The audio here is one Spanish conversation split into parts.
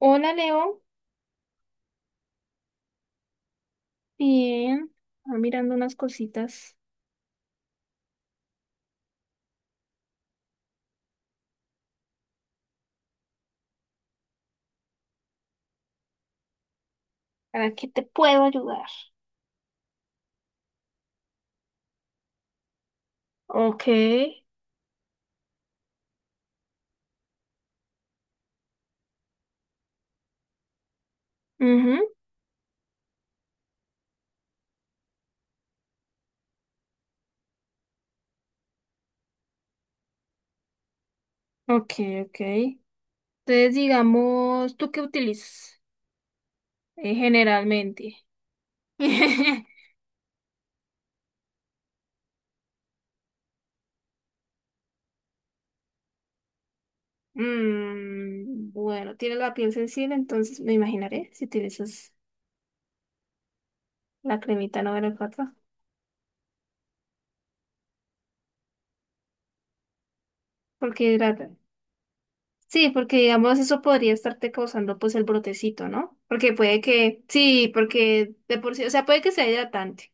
Hola Leo, bien, ah, mirando unas cositas. ¿Para qué te puedo ayudar? Ok, ujú, ok, ok. Entonces, digamos, ¿tú qué utilizas generalmente? Mm, bueno, tienes la piel sensible, entonces me imaginaré si utilizas la cremita número 4. Porque hidrata. Sí, porque digamos eso podría estarte causando pues el brotecito, ¿no? Porque puede que, sí, porque de por sí, o sea, puede que sea hidratante.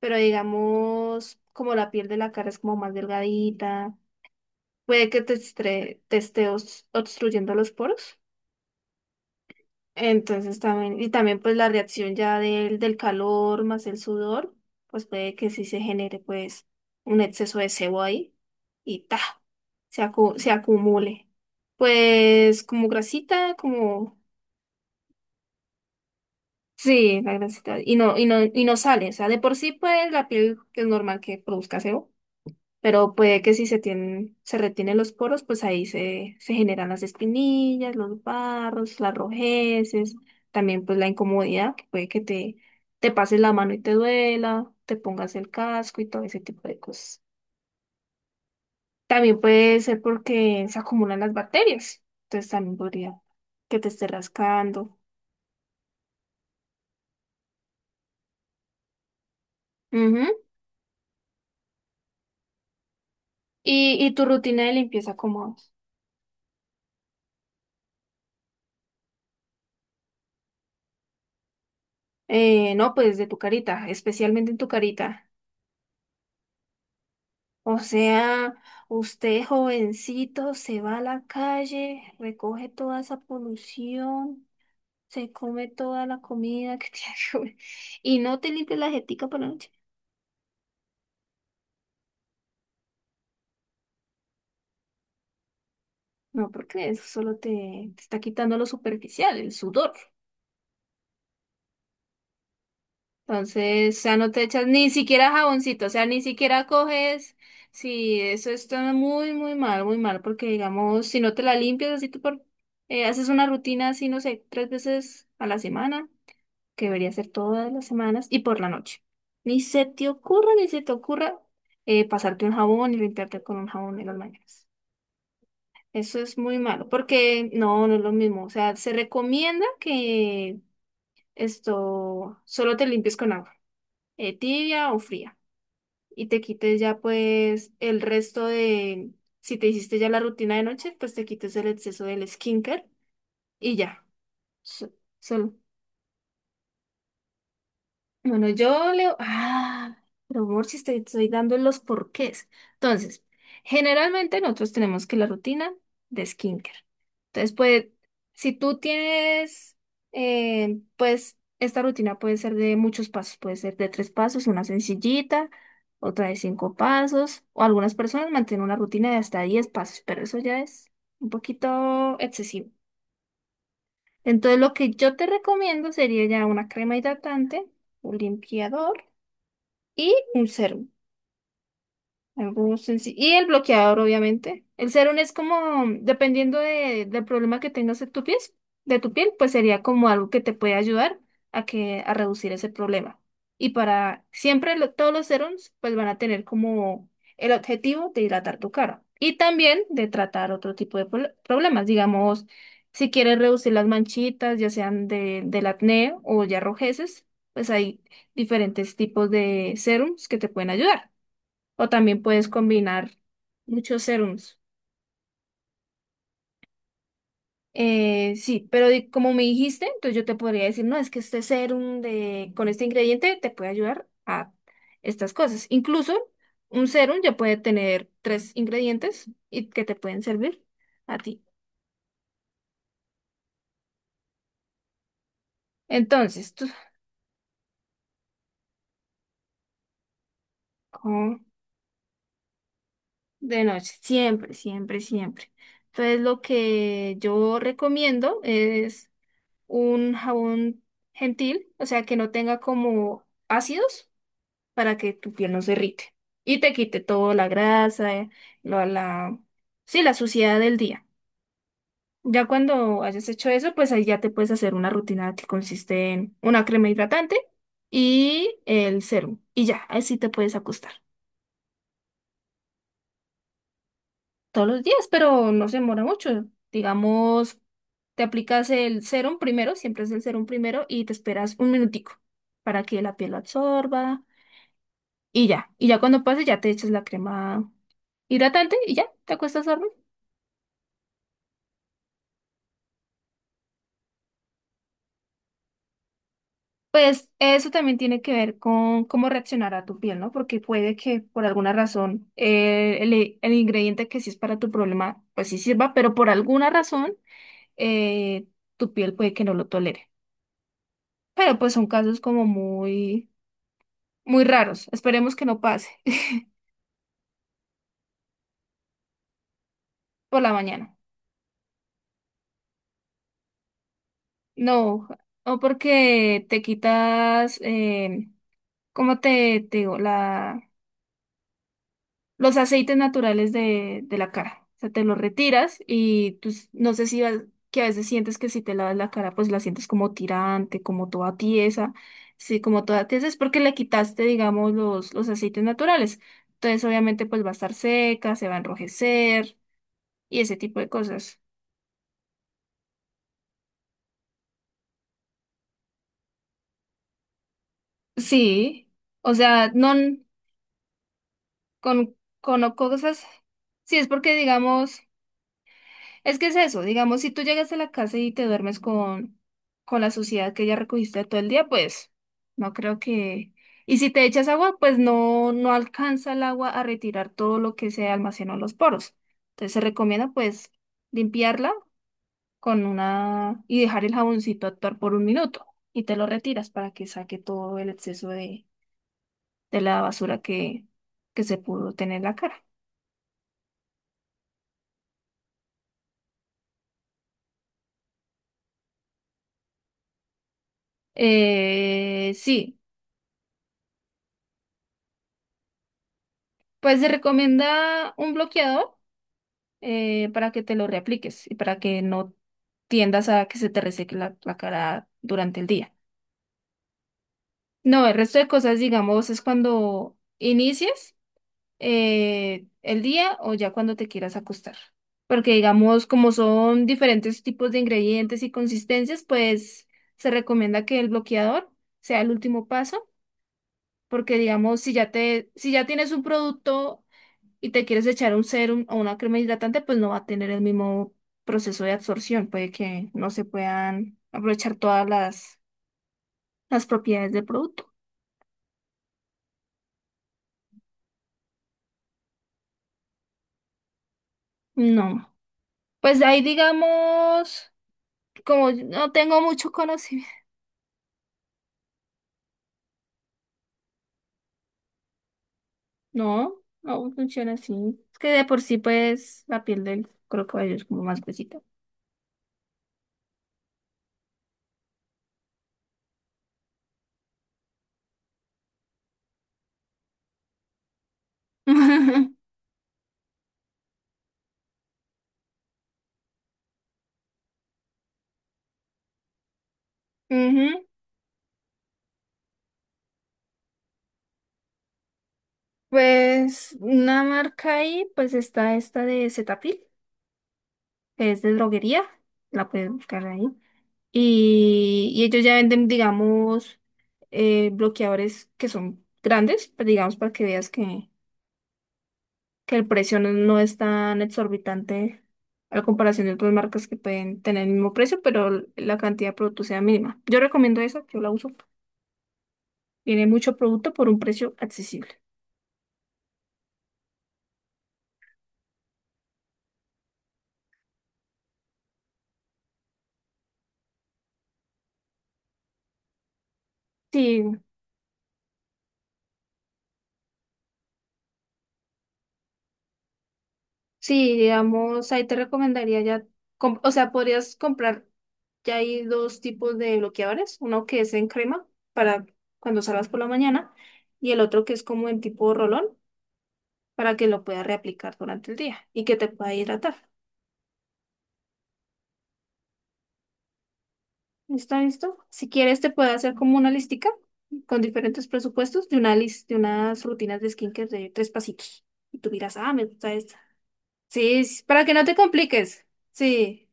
Pero digamos, como la piel de la cara es como más delgadita, puede que te esté obstruyendo los poros. Entonces también, y también pues la reacción ya del calor más el sudor, pues puede que sí se genere pues un exceso de sebo ahí y se acumule. Pues como grasita. Sí, la grasita. Y no, y no, y no sale. O sea, de por sí pues la piel es normal que produzca sebo. Pero puede que si se tienen, se retienen los poros, pues ahí se generan las espinillas, los barros, las rojeces, también pues la incomodidad, que puede que te pases la mano y te duela, te pongas el casco y todo ese tipo de cosas. También puede ser porque se acumulan las bacterias, entonces también podría que te esté rascando. Ujú. Y tu rutina de limpieza como, no, pues de tu carita, especialmente en tu carita. O sea, usted jovencito se va a la calle, recoge toda esa polución, se come toda la comida que tiene que comer y no te limpia la jetica por la noche. No, porque eso solo te está quitando lo superficial, el sudor. Entonces, o sea, no te echas ni siquiera jaboncito, o sea, ni siquiera coges. Sí, eso está muy, muy mal, porque digamos, si no te la limpias así tú por, haces una rutina así, no sé, tres veces a la semana, que debería ser todas las semanas, y por la noche. Ni se te ocurra, ni se te ocurra pasarte un jabón y limpiarte con un jabón en las mañanas. Eso es muy malo, porque no, no es lo mismo. O sea, se recomienda que esto solo te limpies con agua, tibia o fría, y te quites ya pues el resto de, si te hiciste ya la rutina de noche, pues te quites el exceso del skincare y ya. So- Solo. Bueno, yo, Leo, ah, pero amor, si estoy dando los porqués. Entonces, generalmente nosotros tenemos que la rutina de skincare. Entonces, pues, si tú tienes, pues, esta rutina puede ser de muchos pasos, puede ser de tres pasos, una sencillita, otra de cinco pasos, o algunas personas mantienen una rutina de hasta 10 pasos, pero eso ya es un poquito excesivo. Entonces, lo que yo te recomiendo sería ya una crema hidratante, un limpiador y un serum. Algo sencillo. Y el bloqueador, obviamente. El serum es como, dependiendo de, del problema que tengas en tu piel, de tu piel, pues sería como algo que te puede ayudar a que, a reducir ese problema. Y para siempre todos los serums, pues van a tener como el objetivo de hidratar tu cara. Y también de tratar otro tipo de problemas. Digamos, si quieres reducir las manchitas, ya sean de, del acné o ya rojeces, pues hay diferentes tipos de serums que te pueden ayudar. O también puedes combinar muchos serums. Sí, pero como me dijiste, entonces yo te podría decir, no, es que este serum de, con este ingrediente te puede ayudar a estas cosas. Incluso un serum ya puede tener tres ingredientes y que te pueden servir a ti. Entonces, tú, con- de noche, siempre, siempre, siempre. Entonces, lo que yo recomiendo es un jabón gentil, o sea, que no tenga como ácidos para que tu piel no se irrite y te quite toda la grasa, lo- la, sí, la suciedad del día. Ya cuando hayas hecho eso, pues ahí ya te puedes hacer una rutina que consiste en una crema hidratante y el serum. Y ya, ahí sí te puedes acostar todos los días, pero no se demora mucho. Digamos, te aplicas el serum primero, siempre es el serum primero, y te esperas un minutico para que la piel lo absorba. Y ya, cuando pase ya te echas la crema hidratante y ya, te acuestas a dormir. Pues eso también tiene que ver con cómo reaccionar a tu piel, ¿no? Porque puede que por alguna razón el ingrediente que sí es para tu problema, pues sí sirva, pero por alguna razón eh, tu piel puede que no lo tolere. Pero pues son casos como muy, muy raros. Esperemos que no pase por la mañana. No, o porque te quitas, ¿cómo te digo? Los aceites naturales de la cara. O sea, te los retiras y pues, no sé si que a veces sientes que si te lavas la cara, pues la sientes como tirante, como toda tiesa. Sí, como toda tiesa es porque le quitaste, digamos, los aceites naturales. Entonces, obviamente, pues va a estar seca, se va a enrojecer y ese tipo de cosas. Sí, o sea, no con, con o cosas. Sí, es porque, digamos. Es que es eso, digamos, si tú llegas a la casa y te duermes con la suciedad que ya recogiste todo el día, pues no creo que. Y si te echas agua, pues no, no alcanza el agua a retirar todo lo que se almacenó en los poros. Entonces se recomienda pues limpiarla con una y dejar el jaboncito actuar por un minuto y te lo retiras para que saque todo el exceso de la basura que se pudo tener en la cara. Sí, pues se recomienda un bloqueador, para que te lo reapliques y para que no tiendas a que se te reseque la cara durante el día. No, el resto de cosas, digamos, es cuando inicias el día o ya cuando te quieras acostar. Porque, digamos, como son diferentes tipos de ingredientes y consistencias, pues se recomienda que el bloqueador sea el último paso. Porque, digamos, si ya tienes un producto y te quieres echar un serum o una crema hidratante, pues no va a tener el mismo proceso de absorción. Puede que no se puedan aprovechar todas las propiedades del producto. No. Pues de ahí digamos, como yo no tengo mucho conocimiento. No, no funciona así. Es que de por sí, pues, la piel del crocodilo es como más gruesita. Ujú. Pues una marca ahí, pues está esta de Cetaphil, que es de droguería. La puedes buscar ahí. Y ellos ya venden, digamos, bloqueadores que son grandes, pues, digamos, para que veas que, el precio no, no es tan exorbitante a la comparación de otras marcas que pueden tener el mismo precio, pero la cantidad de producto sea mínima. Yo recomiendo esa, yo la uso. Tiene mucho producto por un precio accesible. Sí, sí, digamos, ahí te recomendaría ya, o sea, podrías comprar. Ya hay dos tipos de bloqueadores, uno que es en crema para cuando salgas por la mañana y el otro que es como en tipo rolón para que lo puedas reaplicar durante el día y que te pueda hidratar. ¿Está listo? Si quieres te puedo hacer como una listica con diferentes presupuestos de de unas rutinas de skincare de tres pasitos. Y tú dirás, ah, me gusta esta. Sí, sí, para que no te compliques. Sí,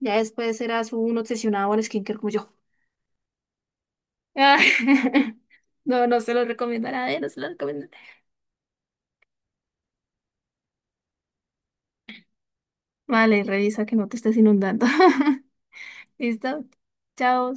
ya después serás un obsesionado al skincare como yo. No, no se los recomiendo a nadie, no se los recomiendo. Vale, revisa que no te estés inundando. ¿Listo? Chao.